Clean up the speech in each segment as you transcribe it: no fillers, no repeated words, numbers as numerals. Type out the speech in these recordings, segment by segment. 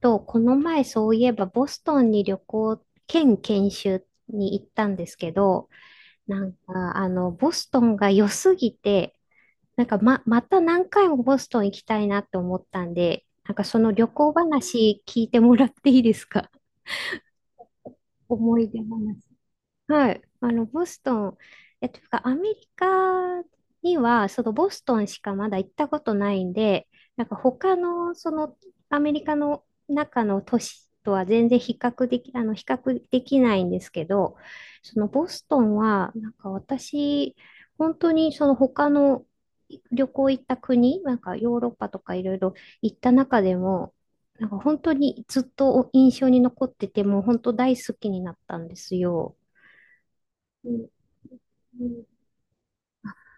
この前そういえばボストンに旅行兼研修に行ったんですけど、ボストンが良すぎて、また何回もボストン行きたいなって思ったんで、なんかその旅行話聞いてもらっていいですか？思い出話。はい。ボストン、というか、アメリカには、そのボストンしかまだ行ったことないんで、なんか他の、アメリカの中の都市とは全然比較でき、あの、比較できないんですけど、そのボストンは、なんか私、本当にその他の旅行行った国、なんかヨーロッパとかいろいろ行った中でも、なんか本当にずっと印象に残ってて、もう本当大好きになったんですよ。うんうん。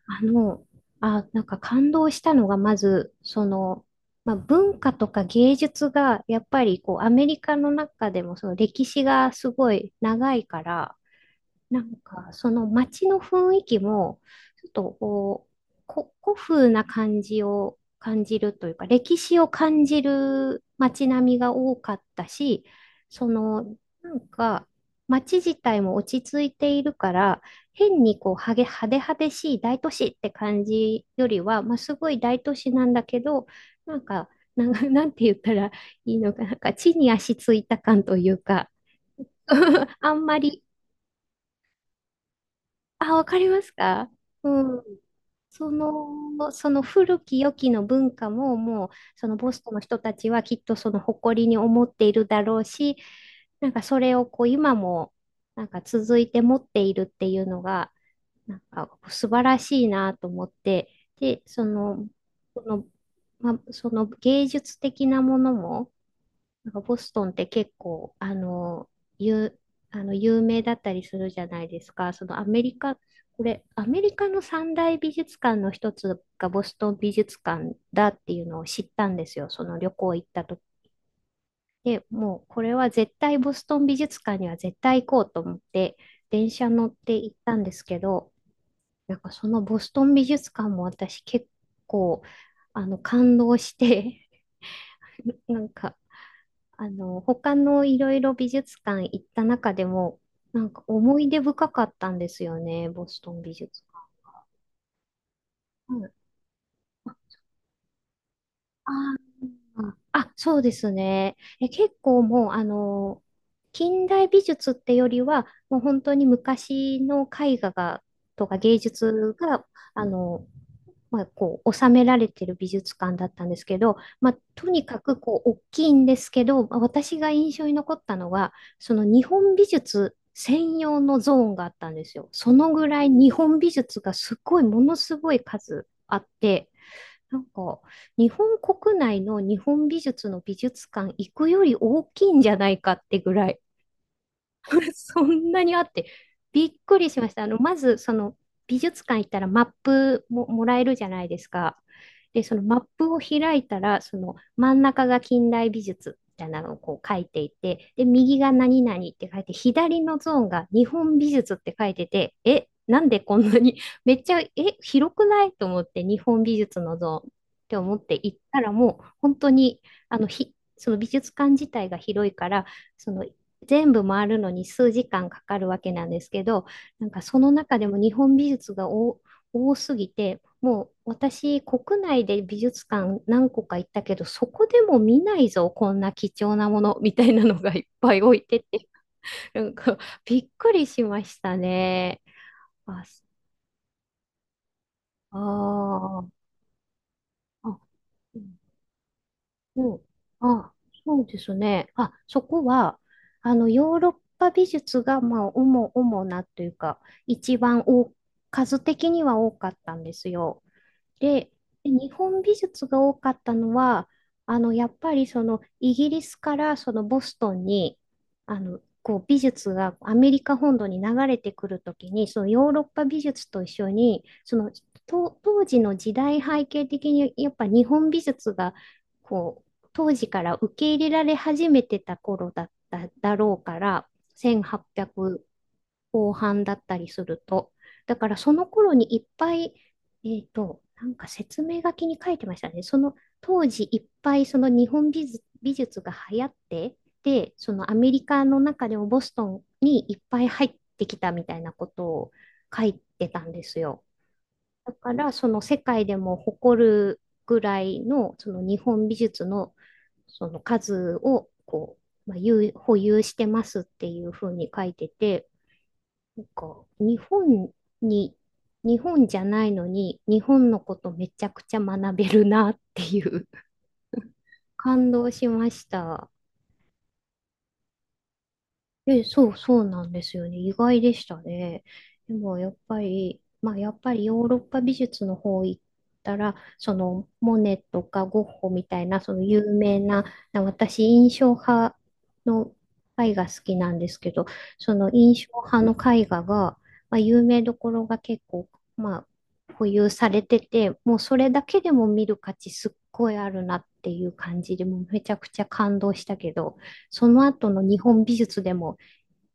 あの、なんか感動したのが、まず、まあ、文化とか芸術が、やっぱりこう、アメリカの中でも、その歴史がすごい長いから、なんか、その街の雰囲気も、ちょっとこう、古風な感じを感じるというか、歴史を感じる街並みが多かったし、その、なんか、街自体も落ち着いているから、変にこう、派手派手しい大都市って感じよりは、まあ、すごい大都市なんだけど、なんか、なんて言ったらいいのか、なんか、地に足ついた感というか、あんまり。あ、わかりますか？うん。その、その古き良きの文化ももう、そのボストンの人たちはきっとその誇りに思っているだろうし、なんかそれをこう今もなんか続いて持っているっていうのが、なんか素晴らしいなと思って、で、その、その、まあ、その芸術的なものも、なんかボストンって結構、有、あの有名だったりするじゃないですか。そのアメリカ、これ、アメリカの三大美術館の一つがボストン美術館だっていうのを知ったんですよ。その旅行行った時。で、もうこれは絶対ボストン美術館には絶対行こうと思って、電車乗って行ったんですけど、なんかそのボストン美術館も私結構、あの、感動して、なんか、あの、他のいろいろ美術館行った中でも、なんか思い出深かったんですよね、ボストン美術館。うん、あ結構もう、あの、近代美術ってよりは、もう本当に昔の絵画が、とか芸術が、あの、まあ、こう収められてる美術館だったんですけど、まあ、とにかくこう大きいんですけど、まあ私が印象に残ったのはその日本美術専用のゾーンがあったんですよ。そのぐらい日本美術がすごいものすごい数あって、なんか日本国内の日本美術の美術館行くより大きいんじゃないかってぐらい、 そんなにあって、びっくりしました。あの、まず、その、美術館行ったらマップももらえるじゃないですか。で、そのマップを開いたら、その真ん中が近代美術みたいなのをこう書いていて、で、右が何々って書いて、左のゾーンが日本美術って書いてて、え、なんでこんなに、めっちゃ、え、広くないと思って、日本美術のゾーンって思って行ったら、もう本当に、その美術館自体が広いから、その全部回るのに数時間かかるわけなんですけど、なんかその中でも日本美術が多多すぎて、もう私、国内で美術館何個か行ったけど、そこでも見ないぞ、こんな貴重なものみたいなのがいっぱい置いてて、なんかびっくりしましたね。あ、あーあ、うん。あ、そうですね。あ、そこは、あの、ヨーロッパ美術が、まあ、主なというか、一番、数的には多かったんですよ。で、で日本美術が多かったのは、あの、やっぱりそのイギリスからそのボストンに、あの、こう美術がアメリカ本土に流れてくるときに、そのヨーロッパ美術と一緒に、と当時の時代背景的にやっぱ日本美術がこう当時から受け入れられ始めてた頃だっただろうから、1800後半だったりすると。だからその頃にいっぱい、なんか説明書きに書いてましたね。その当時いっぱいその日本美術、美術が流行って、で、そのアメリカの中でもボストンにいっぱい入ってきたみたいなことを書いてたんですよ。だからその世界でも誇るぐらいのその日本美術のその数をまあ、保有してますっていうふうに書いてて、か、日本に、日本じゃないのに、日本のことめちゃくちゃ学べるなっていう。感動しました。え、そう、そうなんですよね。意外でしたね。でも、やっぱりヨーロッパ美術の方行ったら、その、モネとかゴッホみたいな、その有名な、私、印象派の絵画好きなんですけど、その印象派の絵画が、まあ、有名どころが結構、まあ、保有されてて、もうそれだけでも見る価値すっごいあるなっていう感じで、もうめちゃくちゃ感動したけど、その後の日本美術でも、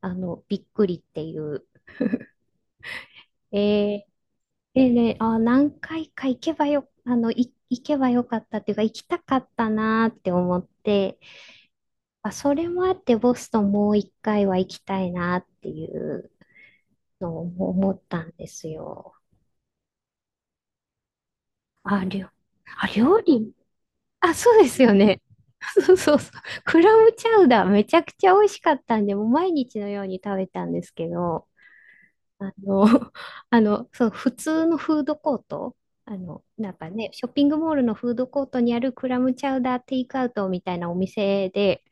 あの、びっくりっていう。えー、でね、あ、何回か行けばよかったっていうか、行きたかったなーって思って、あ、それもあってボストンもう一回は行きたいなっていうのを思ったんですよ。あ、りょ、あ、料理。あ、そうですよね。そうそうそう。クラムチャウダーめちゃくちゃ美味しかったんで、もう毎日のように食べたんですけど、あの、あの、そう、普通のフードコート、あの、なんかね、ショッピングモールのフードコートにあるクラムチャウダーテイクアウトみたいなお店で、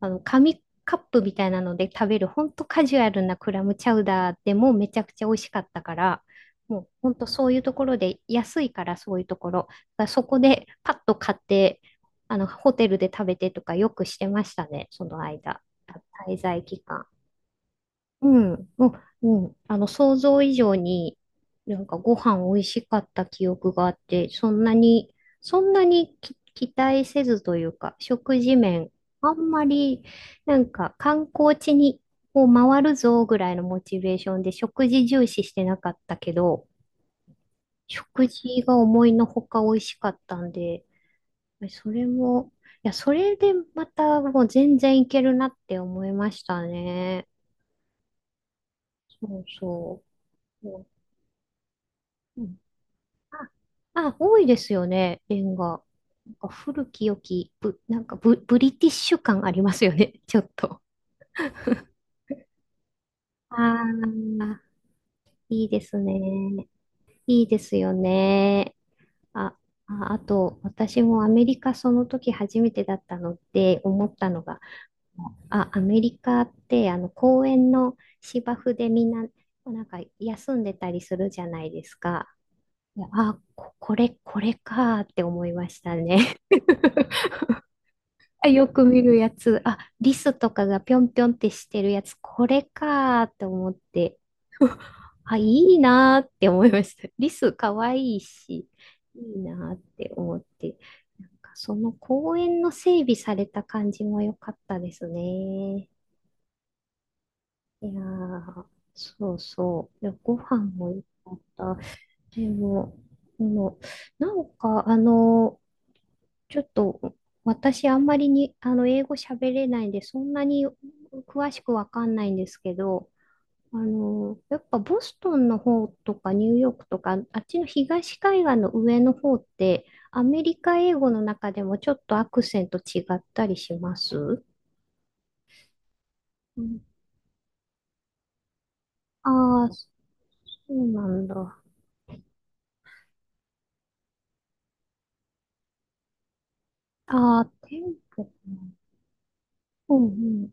あの、紙カップみたいなので食べる、ほんとカジュアルなクラムチャウダーでもめちゃくちゃ美味しかったから、もうほんとそういうところで、安いからそういうところ、だからそこでパッと買って、あの、ホテルで食べてとかよくしてましたね、その間、滞在期間。うん、もう、うん、あの、想像以上に、なんかご飯美味しかった記憶があって、そんなに期待せずというか、食事面、あんまり、なんか観光地にを回るぞぐらいのモチベーションで食事重視してなかったけど、食事が思いのほか美味しかったんで、それも、いや、それでまたもう全然いけるなって思いましたね。そうそう。うんあ、多いですよね、レンガ。なんか古き良き、ぶ、なんかブ、ブリティッシュ感ありますよね、ちょっと。ああ、いいですね。いいですよね。あ、あと、私もアメリカその時初めてだったので思ったのが、あ、アメリカってあの公園の芝生でみんな、なんか休んでたりするじゃないですか。いやあ、これかーって思いましたね。あ、よく見るやつ。あ、リスとかがぴょんぴょんってしてるやつ、これかーって思って。あ、いいなーって思いました。リスかわいいし、いいなーって思って。なんかその公園の整備された感じも良かったですね。いやー、そうそう。でご飯も良かった。でも、あの、なんか、あの、ちょっと、私、あんまりに、あの、英語喋れないんで、そんなに詳しくわかんないんですけど、あの、やっぱボストンの方とかニューヨークとか、あっちの東海岸の上の方って、アメリカ英語の中でもちょっとアクセント違ったりしますうん。ああ、そうなんだ。ああ、テンポかな。うんうん、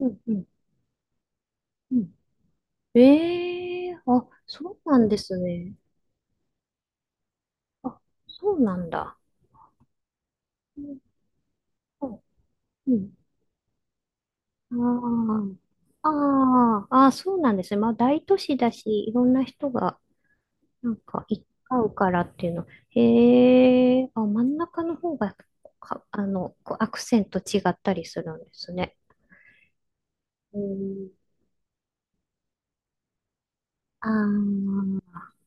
うんうん、うん。そうなんですね。あ、そうなんだ。うんうん。ああ、ああ、ああ、そうなんですね。まあ、大都市だし、いろんな人が、なんか、行き交うからっていうの。へえ、あ、真ん中の方が、か、あの、こうアクセント違ったりするんですね。うん。ああ、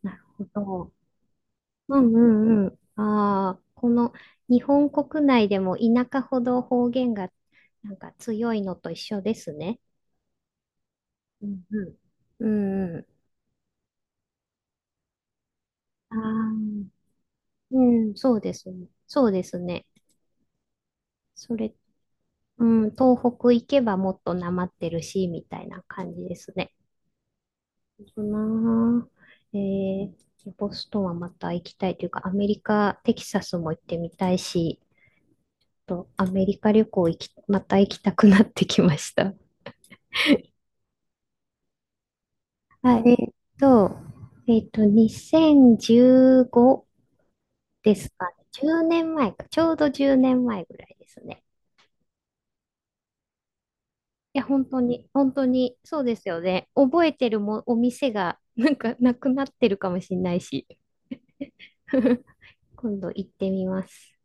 なるほど。うんうんうん。ああ、日本国内でも田舎ほど方言が、なんか強いのと一緒ですね。うんうん。うんうん。ああ。うん、そうですね。そうですね。それ、うん、東北行けばもっとなまってるし、みたいな感じですね。そうなあえーボストンはまた行きたいというか、アメリカ、テキサスも行ってみたいし、と、アメリカ旅行また行きたくなってきました。はい、と、2015年ですかね。年前か、ちょうど10年前ぐらいですね。いや、本当に、本当に、そうですよね。覚えてるも、お店が、なんか、なくなってるかもしれないし。今度行ってみます。